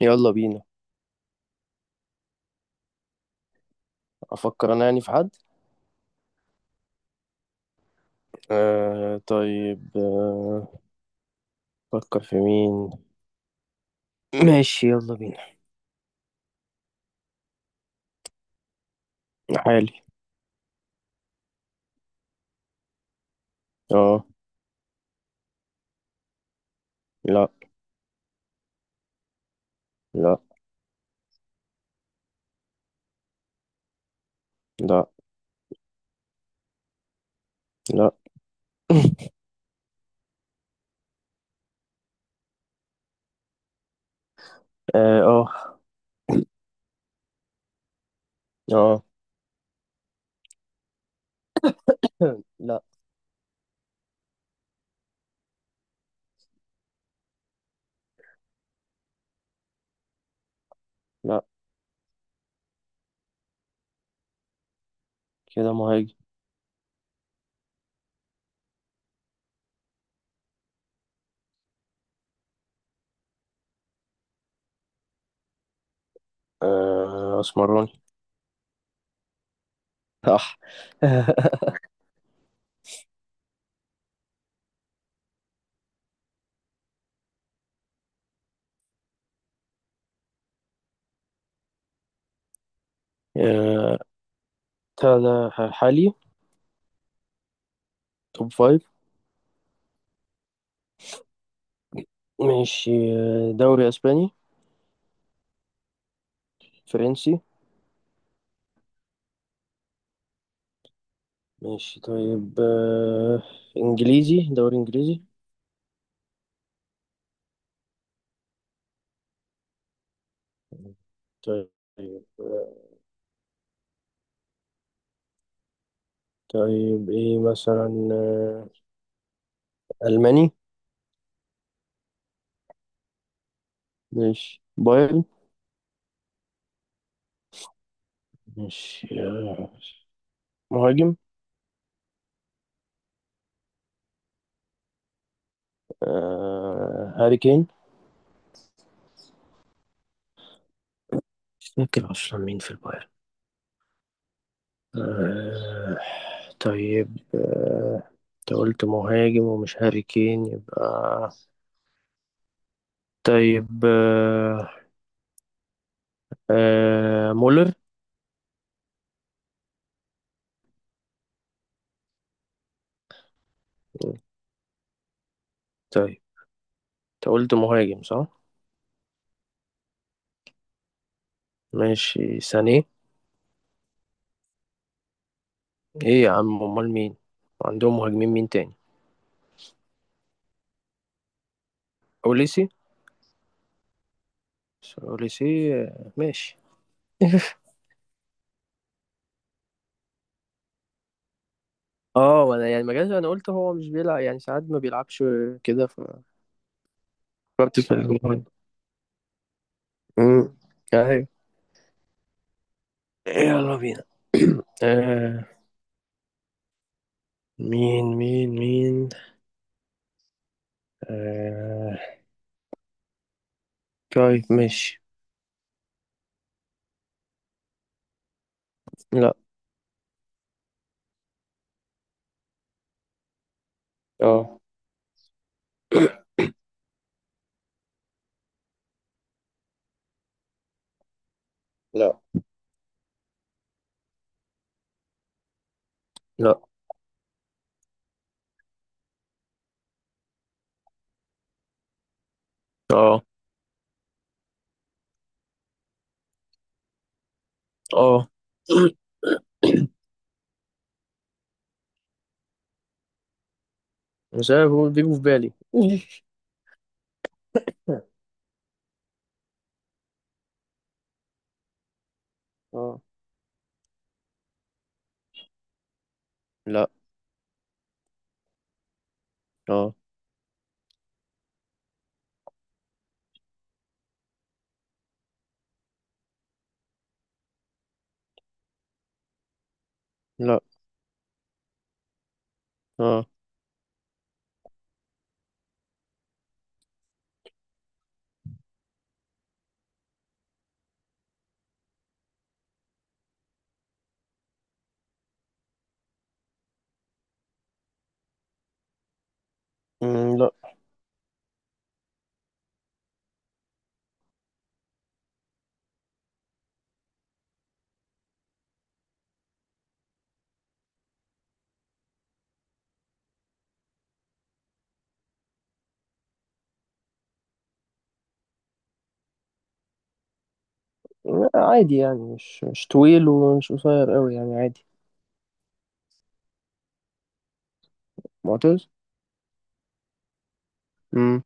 يلا بينا. افكر انا يعني في حد. آه طيب آه. افكر في مين. ماشي يلا بينا. حالي. اه. لا. لا. لا. لا. اه. اه. آه. لا. لا كده مهاجم. آه اسمراني. صح. آه هذا حالي. توب فايف. ماشي دوري اسباني. فرنسي. ماشي طيب آه، انجليزي دوري انجليزي. طيب آه، طيب ايه مثلا ألماني. ماشي بايرن. ماشي مهاجم. آه هاري كين. مش فاكر أصلا مين في البايرن. آه. طيب آه، أنت قلت مهاجم ومش هاري كين يبقى. طيب آه، آه مولر. طيب أنت قلت مهاجم صح؟ ماشي سانيه. إيه يا عم أمال مين؟ عندهم مهاجمين مين تاني؟ أوليسي. أوليسي آه، ماشي. اه، وانا يعني ما جاش. انا قلت هو مش بيلعب، يعني ساعات ما بيلعبش كده فكرت في الموضوع. امم ايوه. يلا بينا. آه. مين آه. طيب ماشي. لا. اه. لا. لا. اه. اه. مش عارف، هو بيجوا في بالي. اه. لا. اه. لا. اه. مم، لا. لا، عادي يعني مش طويل ومش قصير قوي، يعني عادي. معتز. امم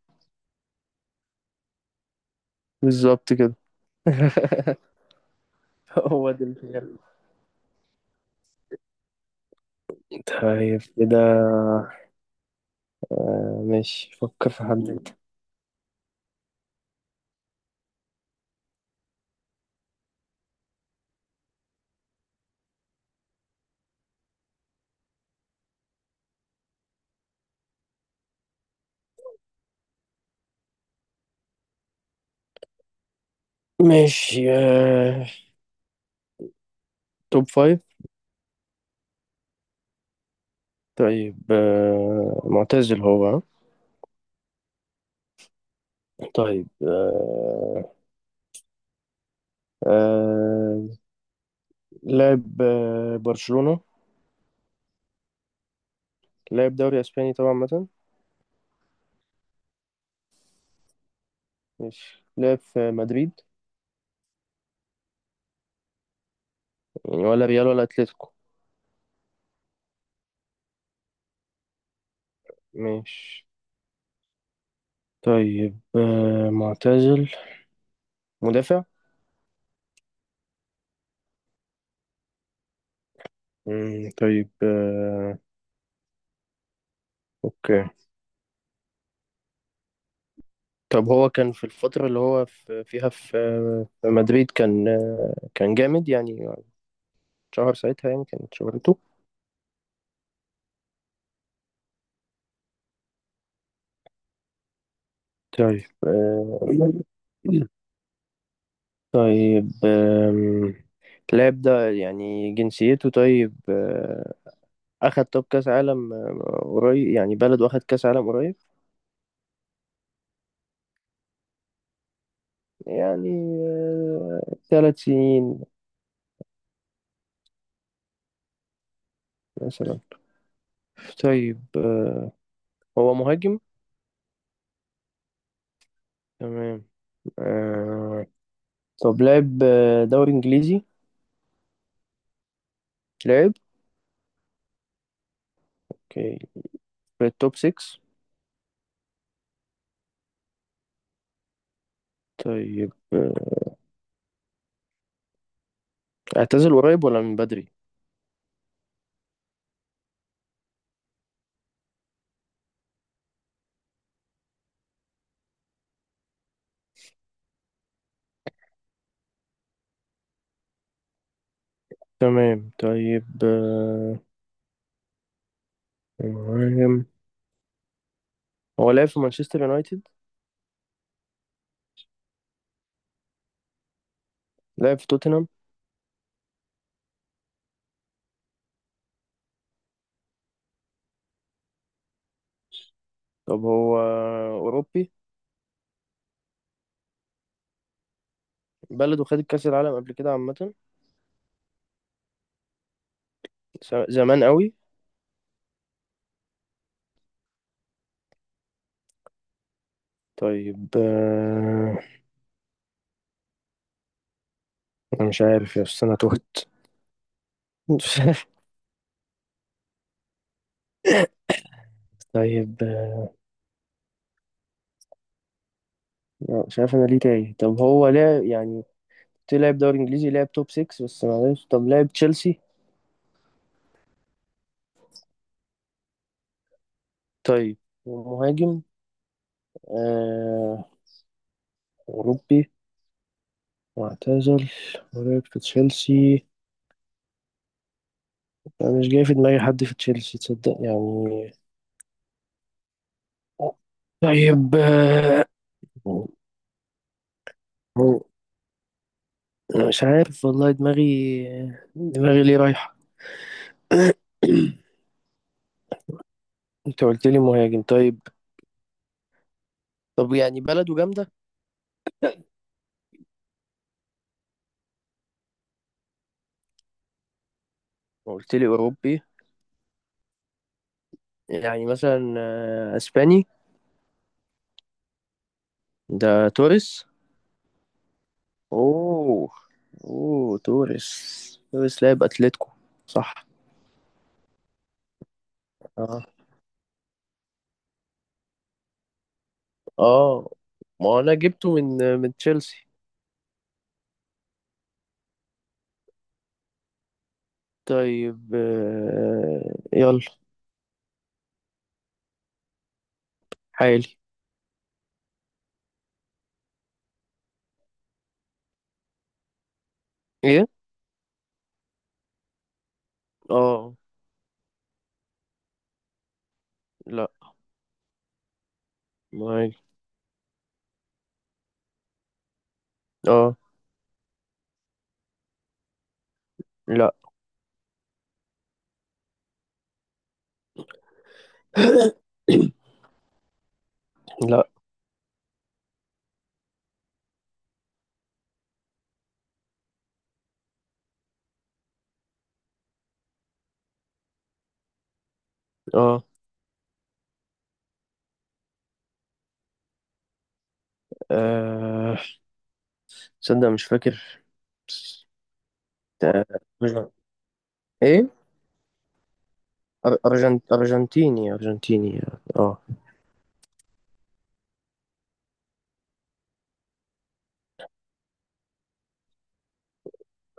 بالظبط كده. هو ده الفيلم. طيب كده. آه، ماشي فكر في حد انت. ماشي آه، توب فايف. طيب آه، معتزل هو ها؟ طيب آه، آه، لعب برشلونة. لعب دوري اسباني طبعا مثلا. ماشي لعب في مدريد، يعني ولا ريال ولا اتلتيكو. ماشي. طيب آه، معتزل. مدافع. مم، طيب آه، اوكي. طب هو كان في الفترة اللي هو في فيها في في مدريد، كان جامد يعني. شهر ساعتها، يعني كانت شهرته. طيب آه، طيب آم، اللاعب ده يعني جنسيته. طيب آه، أخد طب كأس عالم آه، قريب. يعني بلده أخد كأس عالم قريب. يعني آه، ثلاث سنين مثلا. طيب آه، هو مهاجم. تمام آه، طب لعب دوري إنجليزي. لعب. اوكي، في التوب 6. طيب آه، اعتزل قريب ولا من بدري. تمام طيب آه، مهاجم. هو لعب في مانشستر يونايتد. لعب في توتنهام. طب هو أوروبي. بلده خد كأس العالم قبل كده عامة. زمان قوي. طيب آه، أنا مش عارف يا أستاذ، أنا تهت. مش عارف. طيب آه، مش عارف أنا ليه تايه. طب هو لعب يعني، لعب دوري إنجليزي، لعب توب 6، بس معلش طب لعب تشيلسي. طيب مهاجم أوروبي واعتزل ولعب في تشيلسي، أنا مش جاي في دماغي حد في تشيلسي، تصدق يعني. طيب آه، أنا مش عارف والله. دماغي ليه رايحة. أنت قلت لي مهاجم. طيب طب يعني بلده جامدة. قلت لي أوروبي. يعني مثلا آه، أسباني. ده توريس. أوه. أوه توريس. توريس لاعب أتلتيكو. صح. اه. اه ما انا جبته من آه، من تشيلسي. طيب آه، يلا. حالي. ايه. اه. لا. معايا. اه. لا. لا. اه. آه، تصدق مش فاكر. آه، أرجن- ايه ارجنتيني. ارجنتيني. اه.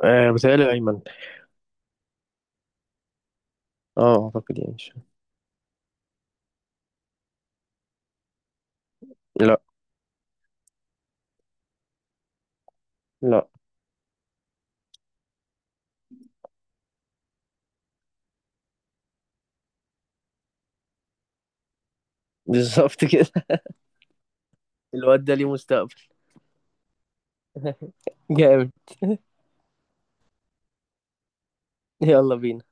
آه، بيتهيألي ايمن. اه اعتقد يعني لا. لا بالظبط كده. الواد ده ليه مستقبل. جامد. يلا بينا.